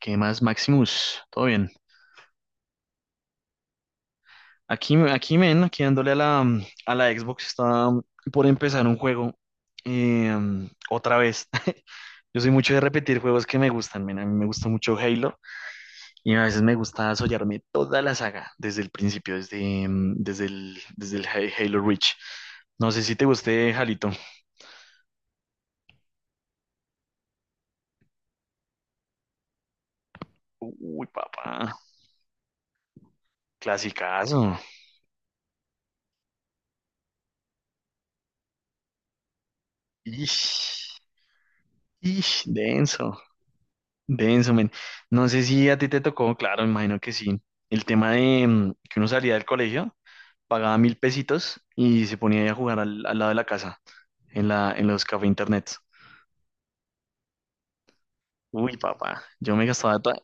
¿Qué más, Maximus? ¿Todo bien? Aquí, men, aquí dándole a la Xbox, está por empezar un juego eh, otra vez. Yo soy mucho de repetir juegos que me gustan, men. A mí me gusta mucho Halo y a veces me gusta sollarme toda la saga desde el principio, desde el Halo Reach. No sé si te guste, Jalito. Uy, papá, clasicazo. Ish, ish, denso. Denso, men. No sé si a ti te tocó, claro, me imagino que sí. El tema de que uno salía del colegio, pagaba mil pesitos y se ponía ahí a jugar al lado de la casa, en en los cafés internet. Uy, papá, yo me gastaba toda.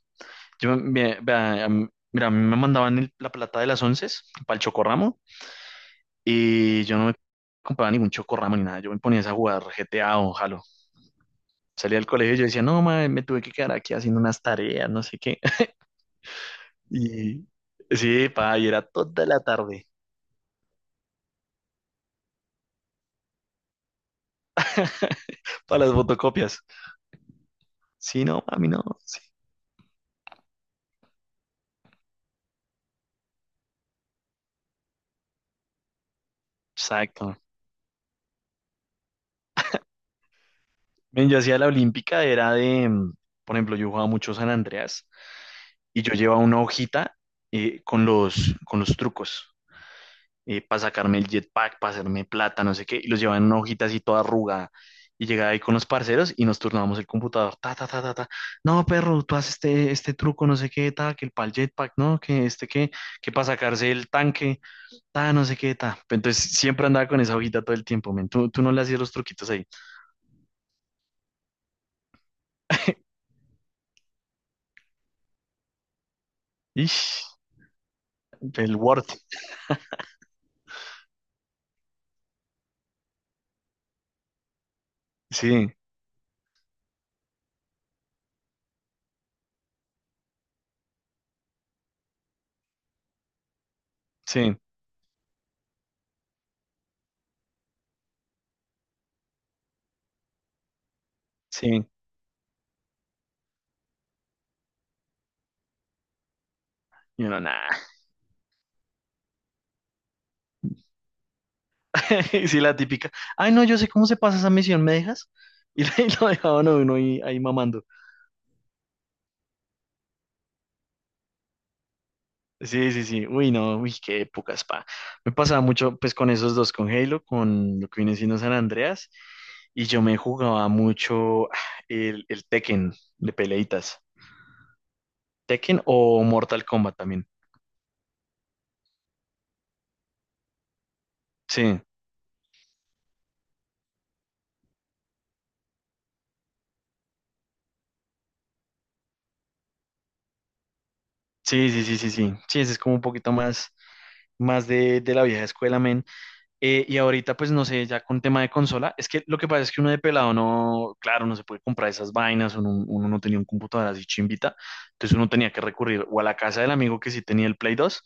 Yo me, vea, a mí- Mira, a mí me mandaban la plata de las once para el chocorramo y yo no me compraba ningún chocorramo ni nada. Yo me ponía a jugar GTA o Halo. Salía del colegio y yo decía, no, madre, me tuve que quedar aquí haciendo unas tareas, no sé qué. Y sí, pa, y era toda la tarde para las fotocopias. Sí, no, a mí no. Sí, exacto. Men, yo hacía la olímpica, era de por ejemplo, yo jugaba mucho San Andreas y yo llevaba una hojita con con los trucos para sacarme el jetpack, para hacerme plata, no sé qué, y los llevaba en una hojita así toda arrugada. Y llegaba ahí con los parceros y nos turnábamos el computador. Ta, ta, ta, ta, ta. No, perro, tú haces este truco, no sé qué, ta, que el pal jetpack, no, que este, que para sacarse el tanque ta, no sé qué, ta. Entonces siempre andaba con esa hojita todo el tiempo, men. Tú no le hacías los truquitos ahí. Ish, el Word. Sí, sí, sí. Y uno, nada. Sí, la típica. Ay, no, yo sé cómo se pasa esa misión, ¿me dejas? Y ahí lo dejaban a uno ahí, ahí mamando. Sí, sí, sí. Uy, no, uy, qué épocas pa. Me pasaba mucho, pues, con esos dos, con Halo, con lo que viene siendo San Andreas. Y yo me jugaba mucho el Tekken de peleitas. Tekken o Mortal Kombat también. Sí, sí, sí, sí, sí, sí. Sí, ese es como un poquito más, más de la vieja escuela, men. Y ahorita, pues no sé, ya con tema de consola, es que lo que pasa es que uno de pelado no, claro, no se puede comprar esas vainas, uno no tenía un computador así chimbita, entonces uno tenía que recurrir o a la casa del amigo que sí tenía el Play dos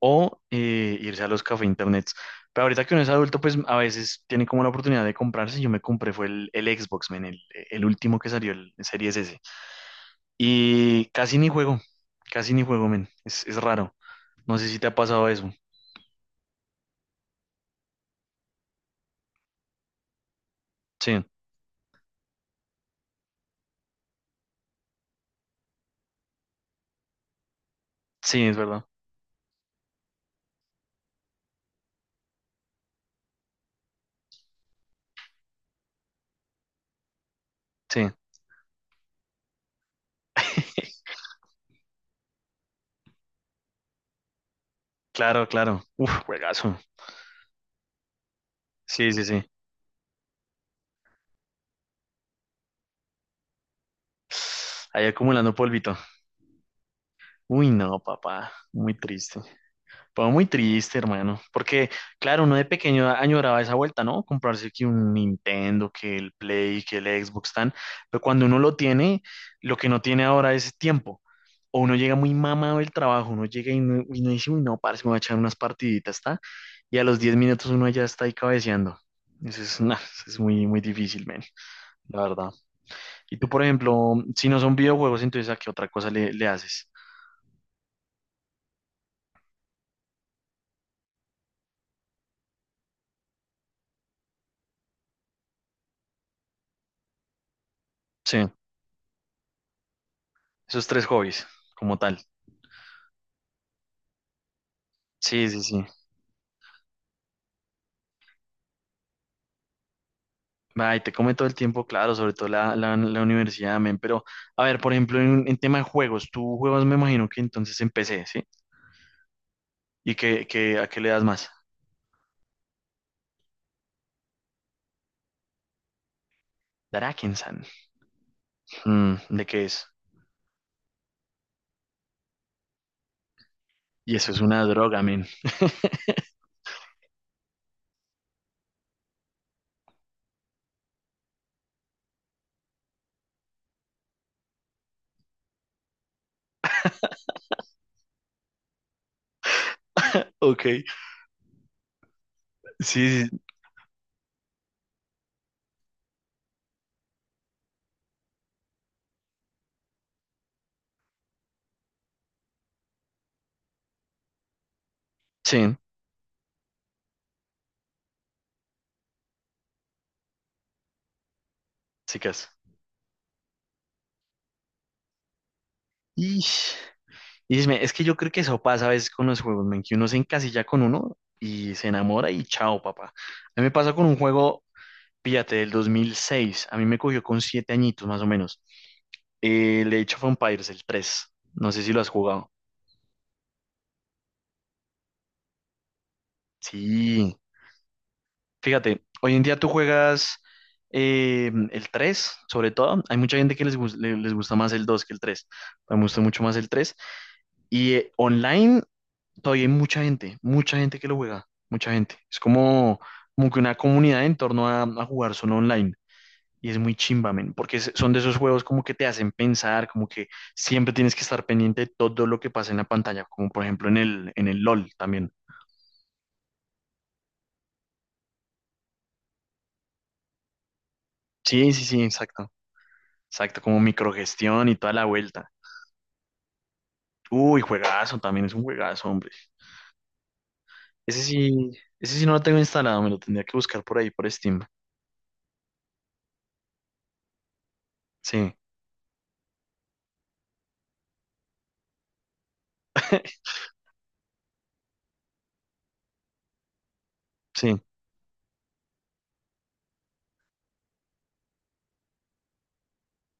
o irse a los café internets. Pero ahorita que uno es adulto, pues a veces tiene como la oportunidad de comprarse. Yo me compré, fue el Xbox, men, el último que salió, el Series S. Y casi ni juego, men, es raro. No sé si te ha pasado eso. Sí, sí, es verdad. Sí, claro, claro. Uf, juegazo. Sí, sí, sí. Ahí acumulando polvito. Uy, no, papá. Muy triste. Fue muy triste, hermano, porque claro, uno de pequeño añoraba esa vuelta, ¿no? Comprarse que un Nintendo, que el Play, que el Xbox tan, pero cuando uno lo tiene, lo que no tiene ahora es tiempo. O uno llega muy mamado del trabajo, uno llega y no dice, uy, no, parce, me voy a echar unas partiditas, ¿está? Y a los 10 minutos uno ya está ahí cabeceando. Eso es, nah, eso es muy, muy difícil, men, la verdad. Y tú, por ejemplo, si no son videojuegos, entonces ¿a qué otra cosa le, le haces? Sí, esos tres hobbies, como tal. Sí, sí, sí. Ay, te come todo el tiempo, claro, sobre todo la universidad, men. Pero, a ver, por ejemplo, en tema de juegos, tú juegas, me imagino que entonces en PC, ¿sí? ¿Y qué, qué- a qué le das más? Darakensan. Mm, ¿de qué es? Y eso es una droga, men. Ok. Sí, sí, sí, chicas. Ish. Y dime, es que yo creo que eso pasa a veces con los juegos, men, que uno se encasilla con uno y se enamora y chao, papá. A mí me pasa con un juego, fíjate, del 2006. A mí me cogió con siete añitos más o menos. El Age of Empires, el 3. No sé si lo has jugado. Sí. Fíjate, hoy en día tú juegas el 3, sobre todo. Hay mucha gente que les gusta más el 2 que el 3. Me gusta mucho más el 3. Y online todavía hay mucha gente que lo juega. Mucha gente. Es como, como que una comunidad en torno a jugar solo online. Y es muy chimba, men, porque es- son de esos juegos como que te hacen pensar, como que siempre tienes que estar pendiente de todo lo que pasa en la pantalla, como por ejemplo en en el LOL también. Sí, sí, sí, exacto. Exacto, como microgestión y toda la vuelta. Uy, juegazo, también es un juegazo, hombre. Ese sí, ese sí no lo tengo instalado, me lo tendría que buscar por ahí, por Steam. Sí, sí,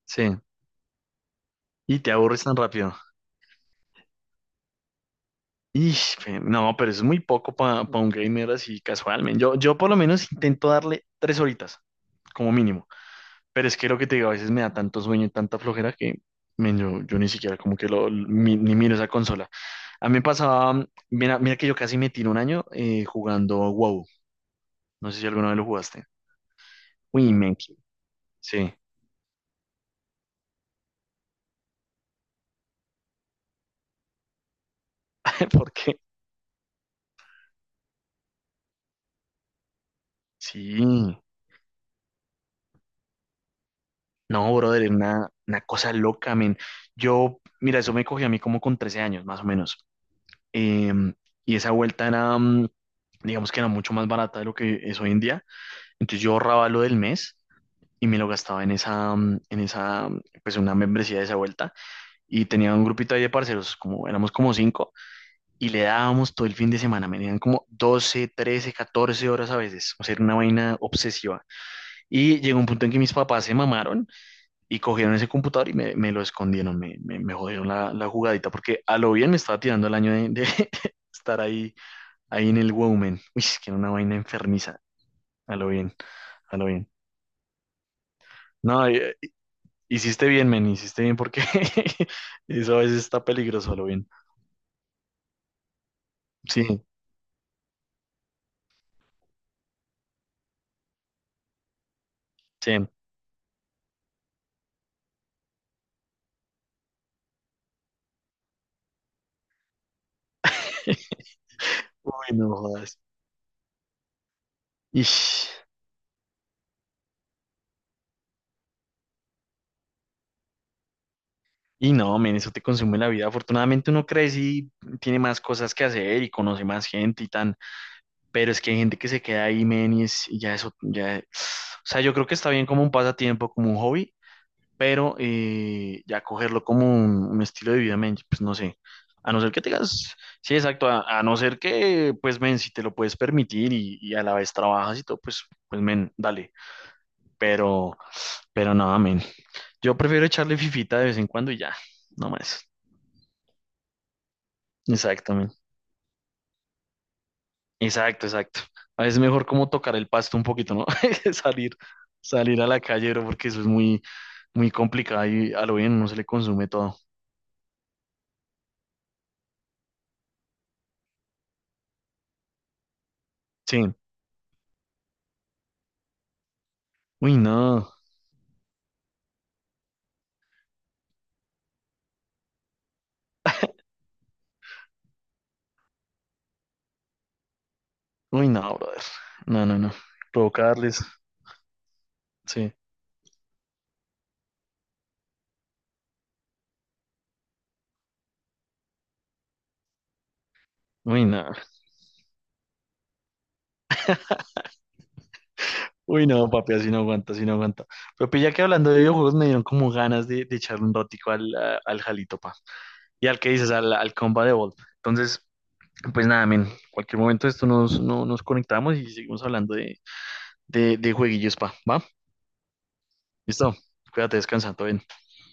sí. Y te aburres tan rápido. Ish, pe- no, pero es muy poco para un gamer así casualmente. Yo por lo menos intento darle tres horitas, como mínimo. Pero es que lo que te digo, a veces me da tanto sueño y tanta flojera que men, yo ni siquiera como que ni miro esa consola. A mí me pasaba, mira, mira que yo casi me tiro un año jugando WoW. No sé si alguna vez lo jugaste. Uy, men, qué- sí. ¿Por qué? Sí. No, brother, es una cosa loca, men. Yo, mira, eso me cogí a mí como con 13 años, más o menos. Em, y esa vuelta era, digamos que era mucho más barata de lo que es hoy en día. Entonces yo ahorraba lo del mes y me lo gastaba en esa, pues una membresía de esa vuelta. Y tenía un grupito ahí de parceros, como éramos como cinco, y le dábamos todo el fin de semana, me dieron como 12 13 14 horas a veces, o sea, era una vaina obsesiva. Y llegó un punto en que mis papás se mamaron y cogieron ese computador y me lo escondieron, me jodieron la jugadita, porque a lo bien me estaba tirando el año de estar ahí, ahí en el Woman. Uy, es que era una vaina enfermiza, a lo bien, a lo bien. No, y, hiciste bien, men, hiciste bien porque eso a veces está peligroso, lo bien. Sí, sí. Uy, no jodas. Ish. Y no, men, eso te consume la vida. Afortunadamente uno crece y tiene más cosas que hacer y conoce más gente y tan. Pero es que hay gente que se queda ahí, men, y, es, y ya eso, ya. O sea, yo creo que está bien como un pasatiempo, como un hobby, pero ya cogerlo como un estilo de vida, men, pues no sé. A no ser que tengas, sí, exacto, a no ser que, pues, men, si te lo puedes permitir y a la vez trabajas y todo, pues, pues, men, dale. Pero, pero nada, men. Yo prefiero echarle fifita de vez en cuando y ya, no más. Exacto, men. Exacto, exacto. A veces es mejor como tocar el pasto un poquito, ¿no? Salir, salir a la calle, bro, porque eso es muy, muy complicado y a lo bien no se le consume todo. Sí. Uy, no. Uy, no, brother. No, no, no. Provocarles. Sí. Uy, no. Uy, no, papi, así no aguanta, así no aguanta. Pero pues, ya que hablando de videojuegos me dieron como ganas de echarle un rótico al Jalito, pa. Y al que dices, al Combat Evolved. Entonces, pues nada, men. Cualquier momento de esto nos, no- nos conectamos y seguimos hablando de jueguillos, pa. ¿Va? Listo. Cuídate, descansa, todo bien.